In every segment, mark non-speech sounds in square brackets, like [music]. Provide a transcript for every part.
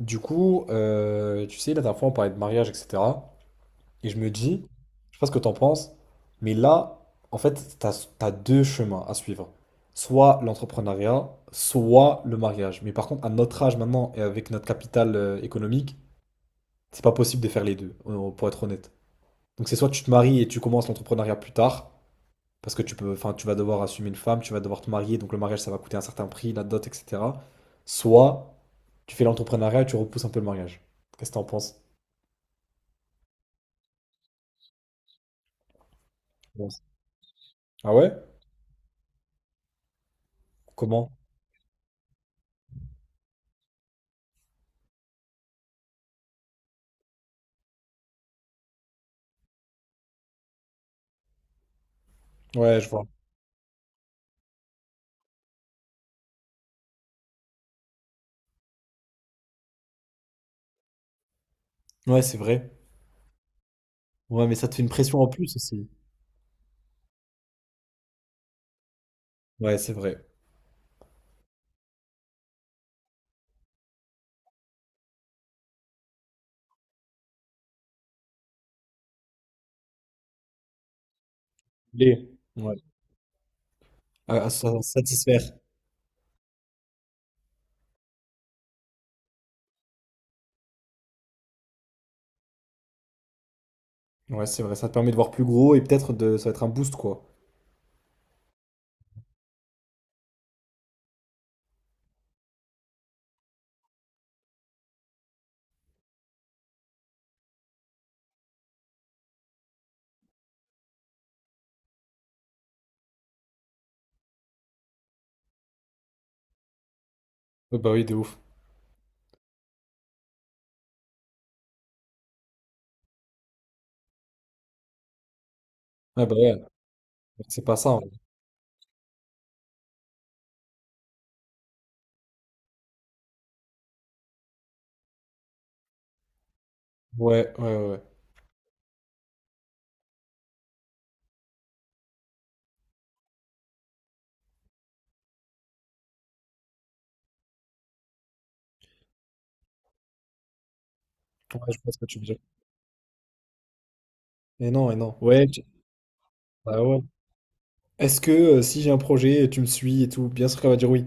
Du coup, tu sais, la dernière fois, on parlait de mariage, etc. Et je me dis, je sais pas ce que t'en penses, mais là, en fait, t'as deux chemins à suivre. Soit l'entrepreneuriat, soit le mariage. Mais par contre, à notre âge maintenant et avec notre capital économique, c'est pas possible de faire les deux, pour être honnête. Donc c'est soit tu te maries et tu commences l'entrepreneuriat plus tard, parce que tu peux, enfin, tu vas devoir assumer une femme, tu vas devoir te marier, donc le mariage, ça va coûter un certain prix, la dot, etc. Soit tu fais l'entrepreneuriat et tu repousses un peu le mariage. Qu'est-ce que t'en penses? Ouais, ah ouais? Comment? Ouais, je vois. Ouais, c'est vrai. Ouais, mais ça te fait une pression en plus aussi. Ouais, c'est vrai. Les. Ouais. À satisfaire. Ouais, c'est vrai. Ça te permet de voir plus gros et peut-être de, ça va être un boost, quoi. Ouais, bah oui, de ouf. Ouais, bah ouais. C'est pas ça, en vrai. Ouais, ouais, ouais. Ouais, je vois ce que tu veux dire. Et non, et non. Ouais. Bah ouais. Est-ce que si j'ai un projet, tu me suis et tout, bien sûr qu'elle va dire oui.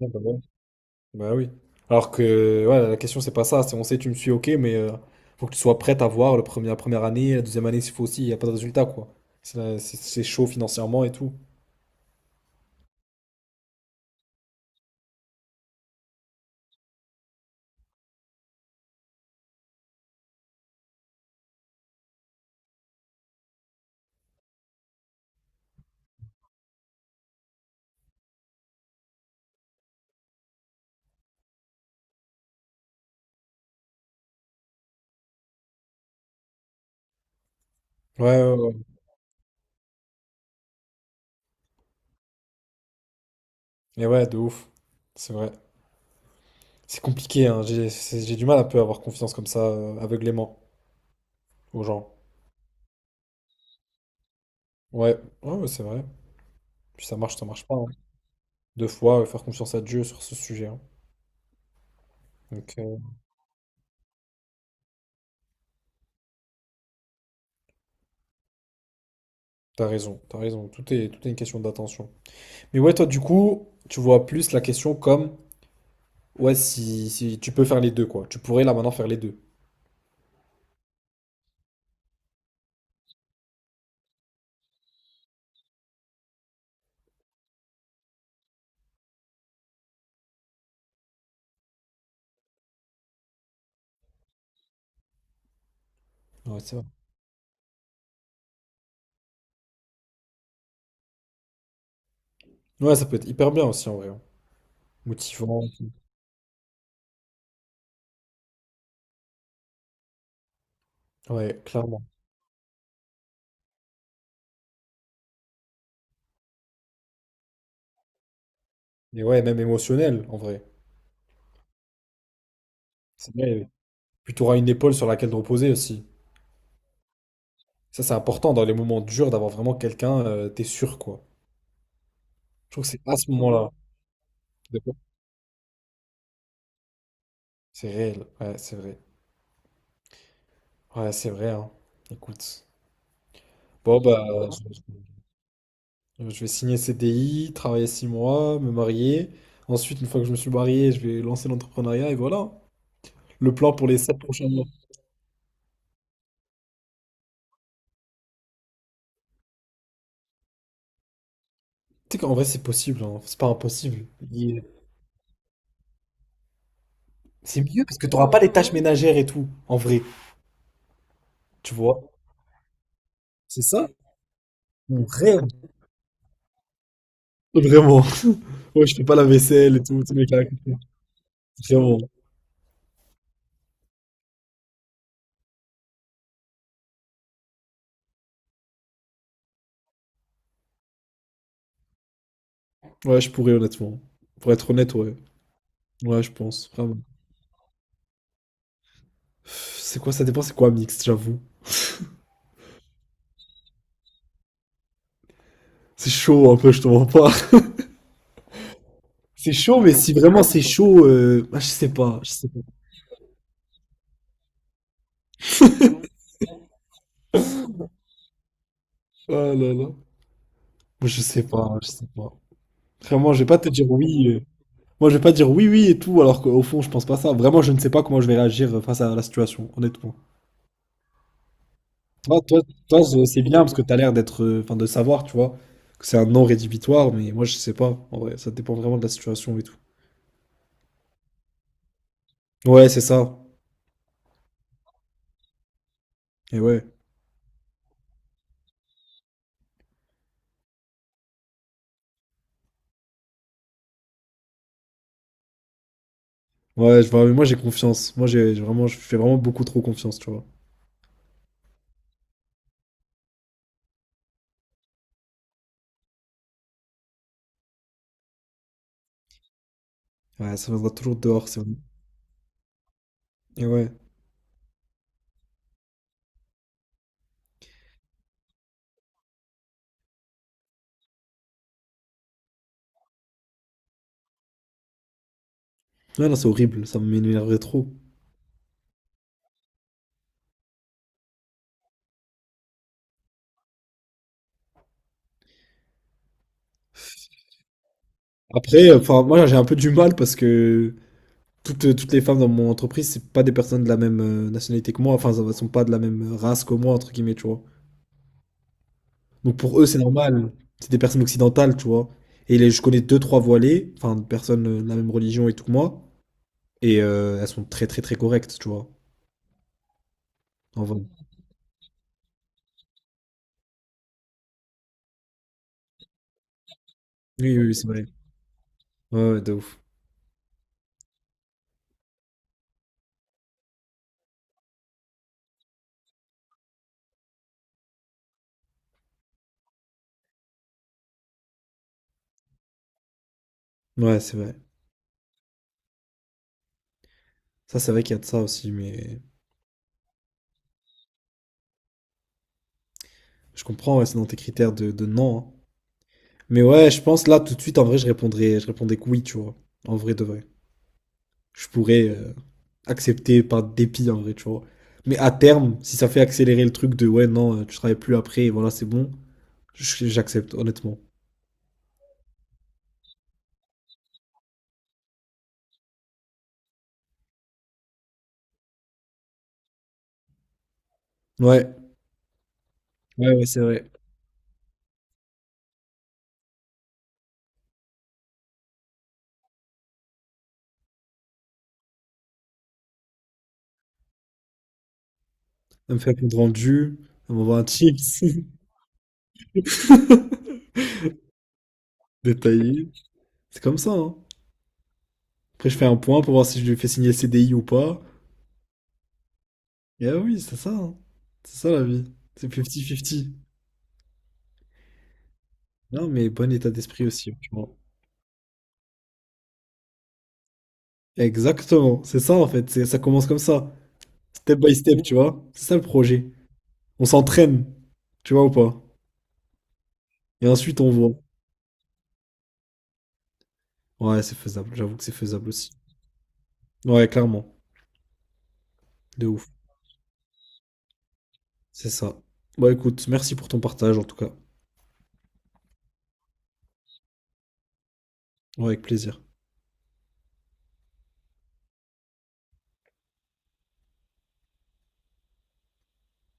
Ouais. Bah oui. Alors que ouais, la question c'est pas ça, c'est on sait tu me suis, ok, mais faut que tu sois prête à voir le premier, la première année, la deuxième année s'il faut aussi, il n'y a pas de résultat, quoi. C'est chaud financièrement et tout. Ouais, ouais, ouais. Et ouais, de ouf. C'est vrai. C'est compliqué, hein. J'ai du mal un peu à avoir confiance comme ça, aveuglément aux gens. Ouais, ouais, ouais, c'est vrai. Puis ça marche pas, hein. Deux fois, faire confiance à Dieu sur ce sujet, hein. Donc t'as raison, t'as raison. Tout est une question d'attention. Mais ouais, toi du coup, tu vois plus la question comme. Ouais, si, si tu peux faire les deux, quoi. Tu pourrais là maintenant faire les deux. Ouais, c'est vrai. Ouais, ça peut être hyper bien aussi en vrai, hein. Motivant, et tout. Ouais, clairement. Et ouais, même émotionnel en vrai. C'est bien. Puis tu auras une épaule sur laquelle te reposer aussi. Ça, c'est important dans les moments durs d'avoir vraiment quelqu'un, t'es sûr, quoi. Je trouve que c'est à ce moment-là. D'accord. C'est réel. Ouais, c'est vrai. Ouais, c'est vrai, hein. Écoute. Bon, bah, je vais signer CDI, travailler 6 mois, me marier. Ensuite, une fois que je me suis marié, je vais lancer l'entrepreneuriat et voilà. Le plan pour les 7 prochains mois. Tu sais qu'en vrai, c'est possible, hein. C'est pas impossible. Il- C'est mieux parce que t'auras pas les tâches ménagères et tout, en vrai. Tu vois? C'est ça? Mon rêve. Vraiment. Ouais, je fais pas la vaisselle et tout, tous mes caractères. Vraiment. Ouais, je pourrais, honnêtement. Pour être honnête, ouais. Ouais, je pense. Vraiment. C'est quoi, ça dépend, c'est quoi mixte, j'avoue. C'est chaud un peu, je te mens pas. [laughs] C'est chaud, mais si vraiment c'est chaud, je sais pas, je sais pas. Oh là là. Moi, je sais pas, je sais pas. Vraiment, je vais pas te dire oui, moi, je vais pas dire oui, oui et tout, alors qu'au fond, je pense pas ça. Vraiment, je ne sais pas comment je vais réagir face à la situation, honnêtement. Toi, toi, toi, c'est bien parce que t'as l'air d'être, enfin, de savoir, tu vois, que c'est un non rédhibitoire, mais moi, je sais pas. En vrai, ça dépend vraiment de la situation et tout. Ouais, c'est ça. Et ouais. Ouais, je vois, mais moi, j'ai confiance. Moi, j'ai vraiment, je fais vraiment beaucoup trop confiance, tu vois. Ouais, ça viendra toujours dehors, c'est. Et ouais. Ouais, non, c'est horrible, ça m'énerverait trop. Après, enfin, moi, j'ai un peu du mal parce que. Toutes les femmes dans mon entreprise, c'est pas des personnes de la même nationalité que moi, enfin, elles sont pas de la même race que moi, entre guillemets, tu vois. Donc pour eux, c'est normal, c'est des personnes occidentales, tu vois. Et les, je connais deux, trois voilées, enfin, des personnes de la même religion et tout que moi, et elles sont très, très, très correctes, tu vois, en vrai. Oui, oui, oui, c'est vrai. Ouais, ouais, de ouf. Ouais, c'est vrai. Ça, c'est vrai qu'il y a de ça aussi, mais je comprends, ouais, c'est dans tes critères de non, hein. Mais ouais, je pense là, tout de suite, en vrai, je répondrais que oui, tu vois, en vrai de vrai. Je pourrais accepter par dépit en vrai, tu vois. Mais à terme, si ça fait accélérer le truc de ouais, non, tu travailles plus après, et voilà, c'est bon, j'accepte, honnêtement. Ouais, ouais, ouais, c'est vrai. Elle me fait un compte rendu, elle m'envoie un chips [laughs] détaillé. C'est comme ça, hein. Après, je fais un point pour voir si je lui fais signer le CDI ou pas. Et ah oui, c'est ça, hein. C'est ça la vie. C'est 50-50. Non, mais bon état d'esprit aussi, tu vois. Exactement, c'est ça en fait, c'est, ça commence comme ça. Step by step, tu vois. C'est ça le projet. On s'entraîne, tu vois ou pas? Et ensuite, on voit. Ouais, c'est faisable. J'avoue que c'est faisable aussi. Ouais, clairement. De ouf. C'est ça. Bah écoute, merci pour ton partage en tout cas. Ouais, avec plaisir.